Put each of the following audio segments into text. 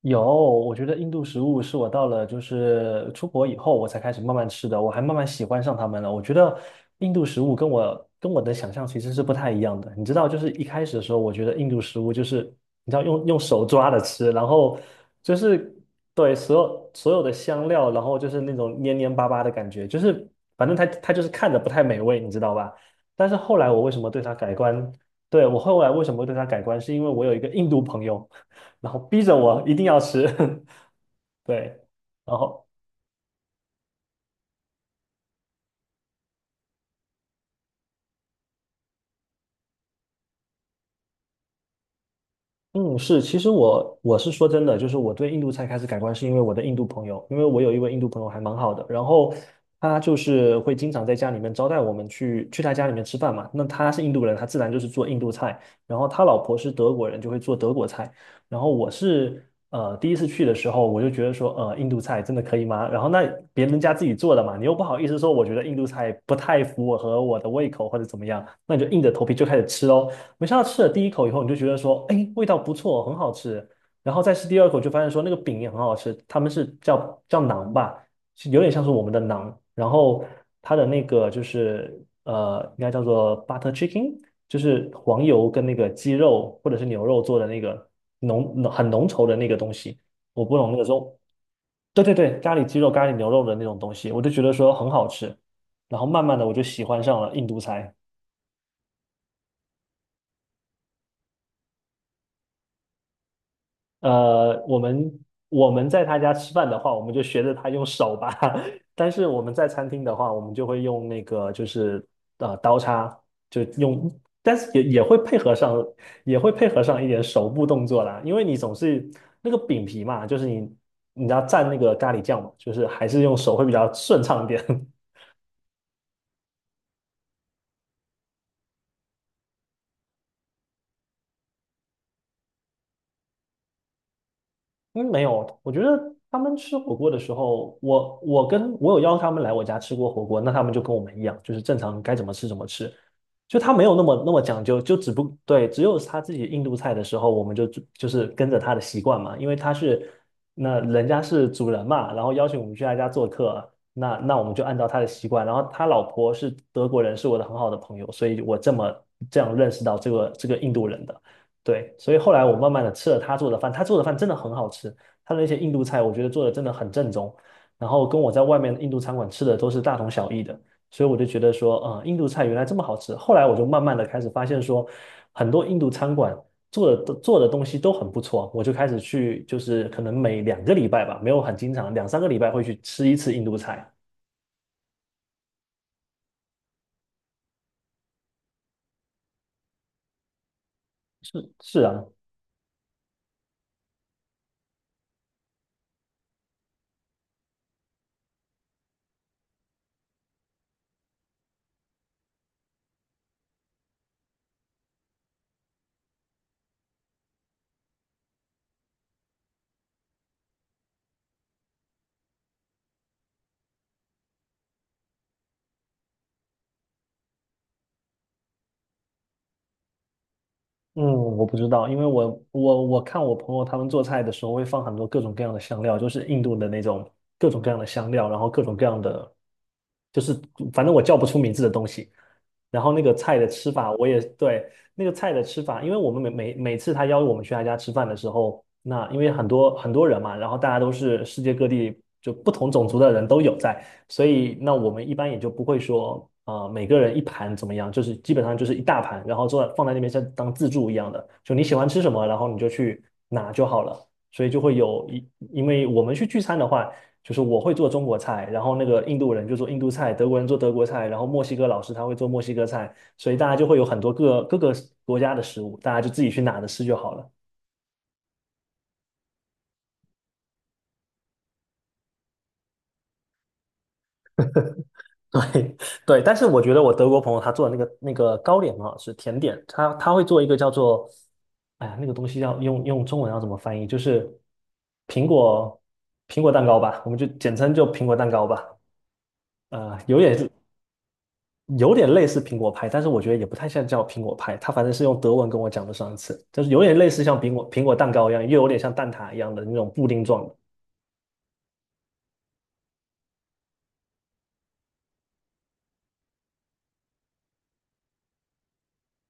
有。我觉得印度食物是我到了就是出国以后我才开始慢慢吃的，我还慢慢喜欢上他们了。我觉得印度食物跟我的想象其实是不太一样的。你知道，就是一开始的时候，我觉得印度食物就是你知道用手抓着吃，然后就是对所有的香料，然后就是那种黏黏巴巴的感觉，就是反正它就是看着不太美味，你知道吧？但是后来我为什么对它改观？对。我后来为什么会对它改观，是因为我有一个印度朋友。然后逼着我一定要吃。对，然后嗯，是，其实我是说真的，就是我对印度菜开始改观，是因为我的印度朋友，因为我有一位印度朋友还蛮好的，然后他就是会经常在家里面招待我们去他家里面吃饭嘛。那他是印度人，他自然就是做印度菜，然后他老婆是德国人，就会做德国菜。然后我是第一次去的时候，我就觉得说，印度菜真的可以吗？然后那别人家自己做的嘛，你又不好意思说，我觉得印度菜不太符合我的胃口或者怎么样，那你就硬着头皮就开始吃喽。没想到吃了第一口以后，你就觉得说，哎，味道不错，很好吃。然后再吃第二口，就发现说那个饼也很好吃，他们是叫馕吧，是有点像是我们的馕。然后它的那个就是应该叫做 butter chicken,就是黄油跟那个鸡肉或者是牛肉做的那个很浓稠的那个东西。我不懂那个时对对对，咖喱鸡肉、咖喱牛肉的那种东西，我就觉得说很好吃。然后慢慢的我就喜欢上了印度菜。呃，我们我们在他家吃饭的话，我们就学着他用手吧。但是我们在餐厅的话，我们就会用那个就是刀叉，就用，但是也会配合上，也会配合上一点手部动作啦。因为你总是那个饼皮嘛，就是你要蘸那个咖喱酱嘛，就是还是用手会比较顺畅一点。嗯，没有，我觉得他们吃火锅的时候，我跟我有邀他们来我家吃过火锅，那他们就跟我们一样，就是正常该怎么吃怎么吃，就他没有那么讲究，就只不对，只有他自己印度菜的时候，我们就就是跟着他的习惯嘛，因为他是那人家是主人嘛，然后邀请我们去他家做客，那我们就按照他的习惯，然后他老婆是德国人，是我的很好的朋友，所以我这么这样认识到这个印度人的。对，所以后来我慢慢的吃了他做的饭，他做的饭真的很好吃，他的那些印度菜我觉得做的真的很正宗，然后跟我在外面印度餐馆吃的都是大同小异的，所以我就觉得说，印度菜原来这么好吃。后来我就慢慢的开始发现说，很多印度餐馆做的东西都很不错，我就开始去，就是可能每两个礼拜吧，没有很经常，两三个礼拜会去吃一次印度菜。是是啊。嗯，我不知道，因为我看我朋友他们做菜的时候会放很多各种各样的香料，就是印度的那种各种各样的香料，然后各种各样的，就是反正我叫不出名字的东西，然后那个菜的吃法，我也对那个菜的吃法，因为我们每次他邀我们去他家吃饭的时候，那因为很多很多人嘛，然后大家都是世界各地就不同种族的人都有在，所以那我们一般也就不会说啊、每个人一盘怎么样，就是基本上就是一大盘，然后坐放在那边像当自助一样的，就你喜欢吃什么，然后你就去拿就好了。所以就会有一，因为我们去聚餐的话。就是我会做中国菜，然后那个印度人就做印度菜，德国人做德国菜，然后墨西哥老师他会做墨西哥菜，所以大家就会有很多各各个国家的食物，大家就自己去拿着吃就好了。对对，但是我觉得我德国朋友他做的那个糕点很好吃，甜点，他会做一个叫做，哎呀，那个东西要用中文要怎么翻译？就是苹果苹果蛋糕吧，我们就简称就苹果蛋糕吧。呃，有点有点类似苹果派，但是我觉得也不太像叫苹果派，它反正是用德文跟我讲的上一次，就是有点类似像苹果蛋糕一样，又有点像蛋挞一样的那种布丁状的。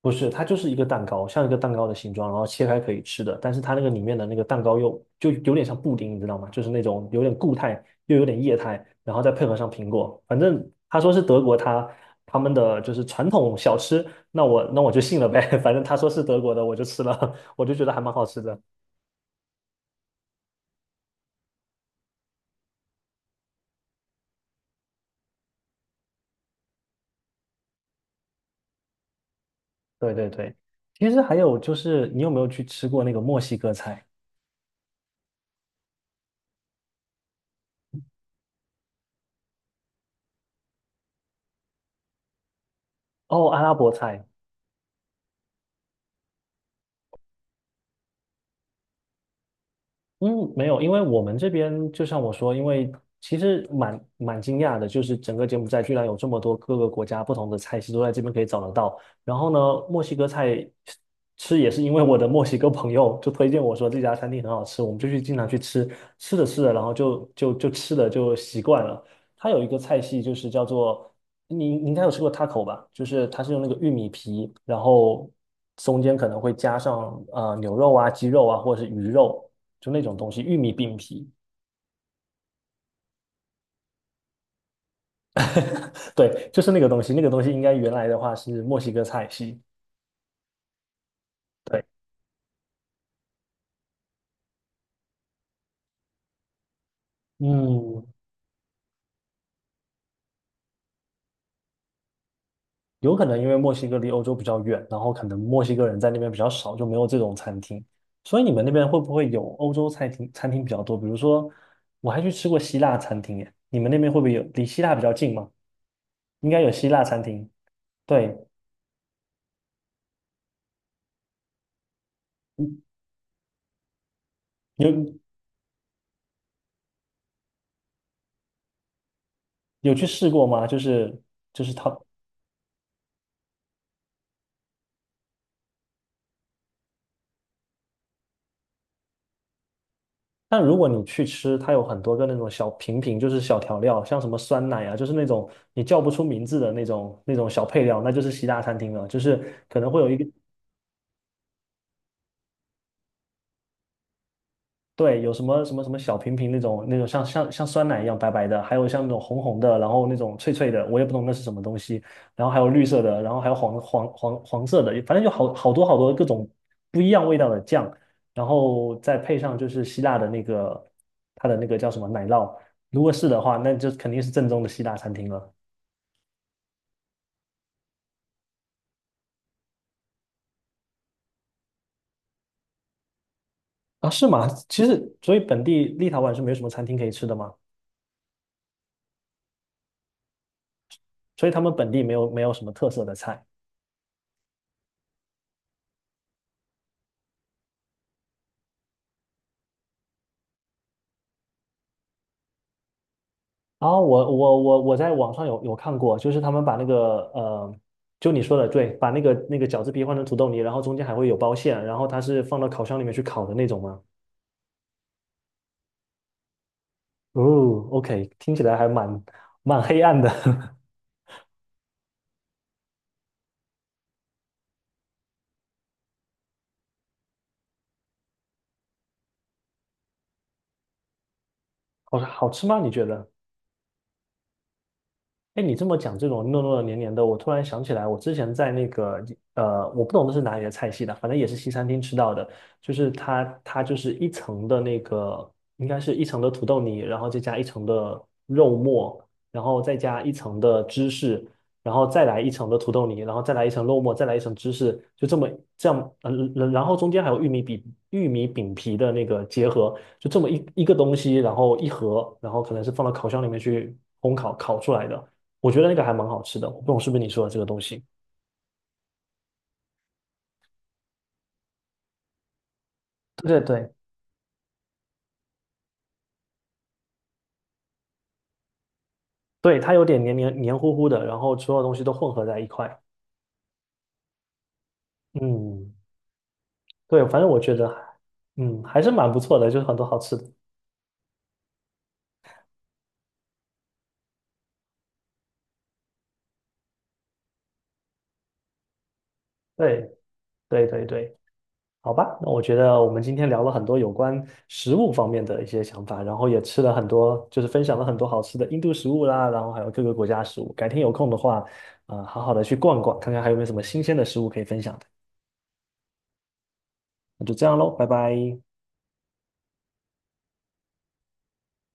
不是，它就是一个蛋糕，像一个蛋糕的形状，然后切开可以吃的，但是它那个里面的那个蛋糕又就有点像布丁，你知道吗？就是那种有点固态又有点液态，然后再配合上苹果，反正他说是德国他们的就是传统小吃，那我就信了呗。反正他说是德国的，我就吃了，我就觉得还蛮好吃的。对对对，其实还有就是，你有没有去吃过那个墨西哥菜？哦，阿拉伯菜。嗯，没有，因为我们这边就像我说，因为其实蛮惊讶的，就是整个柬埔寨居然有这么多各个国家不同的菜系都在这边可以找得到。然后呢，墨西哥菜吃也是因为我的墨西哥朋友就推荐我说这家餐厅很好吃，我们就去经常去吃，吃着吃着，然后就吃的就习惯了。它有一个菜系就是叫做。你应该有吃过 taco 吧？就是它是用那个玉米皮，然后中间可能会加上牛肉啊、鸡肉啊，或者是鱼肉，就那种东西，玉米饼皮。对，就是那个东西。那个东西应该原来的话是墨西哥菜系。对。嗯，有可能因为墨西哥离欧洲比较远，然后可能墨西哥人在那边比较少，就没有这种餐厅。所以你们那边会不会有欧洲餐厅比较多？比如说，我还去吃过希腊餐厅耶。你们那边会不会有？离希腊比较近吗？应该有希腊餐厅。对。嗯有有去试过吗？就是，但如果你去吃，它有很多个那种小瓶瓶，就是小调料，像什么酸奶啊，就是那种你叫不出名字的那种小配料，那就是西大餐厅了。就是可能会有一个对，有什么什么什么小瓶瓶那种像酸奶一样白白的，还有像那种红红的，然后那种脆脆的，我也不懂那是什么东西。然后还有绿色的，然后还有黄色的，反正就好好多好多各种不一样味道的酱，然后再配上就是希腊的那个它的那个叫什么奶酪，如果是的话，那就肯定是正宗的希腊餐厅了。啊，是吗？其实所以本地立陶宛是没有什么餐厅可以吃的吗？所以他们本地没有什么特色的菜。然后我在网上有看过，就是他们把那个就你说的对，把那个饺子皮换成土豆泥，然后中间还会有包馅，然后它是放到烤箱里面去烤的那种吗？哦，OK,听起来还蛮黑暗的。好好吃吗？你觉得？哎，你这么讲这种糯糯的黏黏的，我突然想起来，我之前在那个我不懂这是哪里的菜系的，反正也是西餐厅吃到的，就是它就是一层的那个，应该是一层的土豆泥，然后再加一层的肉末，然后再加一层的芝士，然后再来一层的土豆泥，然后再来一层肉末，再来一层芝士，就这么这样，然后中间还有玉米饼皮的那个结合，就这么一个东西，然后一盒，然后可能是放到烤箱里面去烘烤烤出来的。我觉得那个还蛮好吃的，我不懂是不是你说的这个东西。对对对。对，它有点黏黏糊糊的，然后所有东西都混合在一块。嗯，对，反正我觉得还，嗯，还是蛮不错的，就是很多好吃的。对对对对，好吧，那我觉得我们今天聊了很多有关食物方面的一些想法，然后也吃了很多，就是分享了很多好吃的印度食物啦，然后还有各个国家食物。改天有空的话，好好的去逛逛，看看还有没有什么新鲜的食物可以分享的。那就这样喽，拜拜。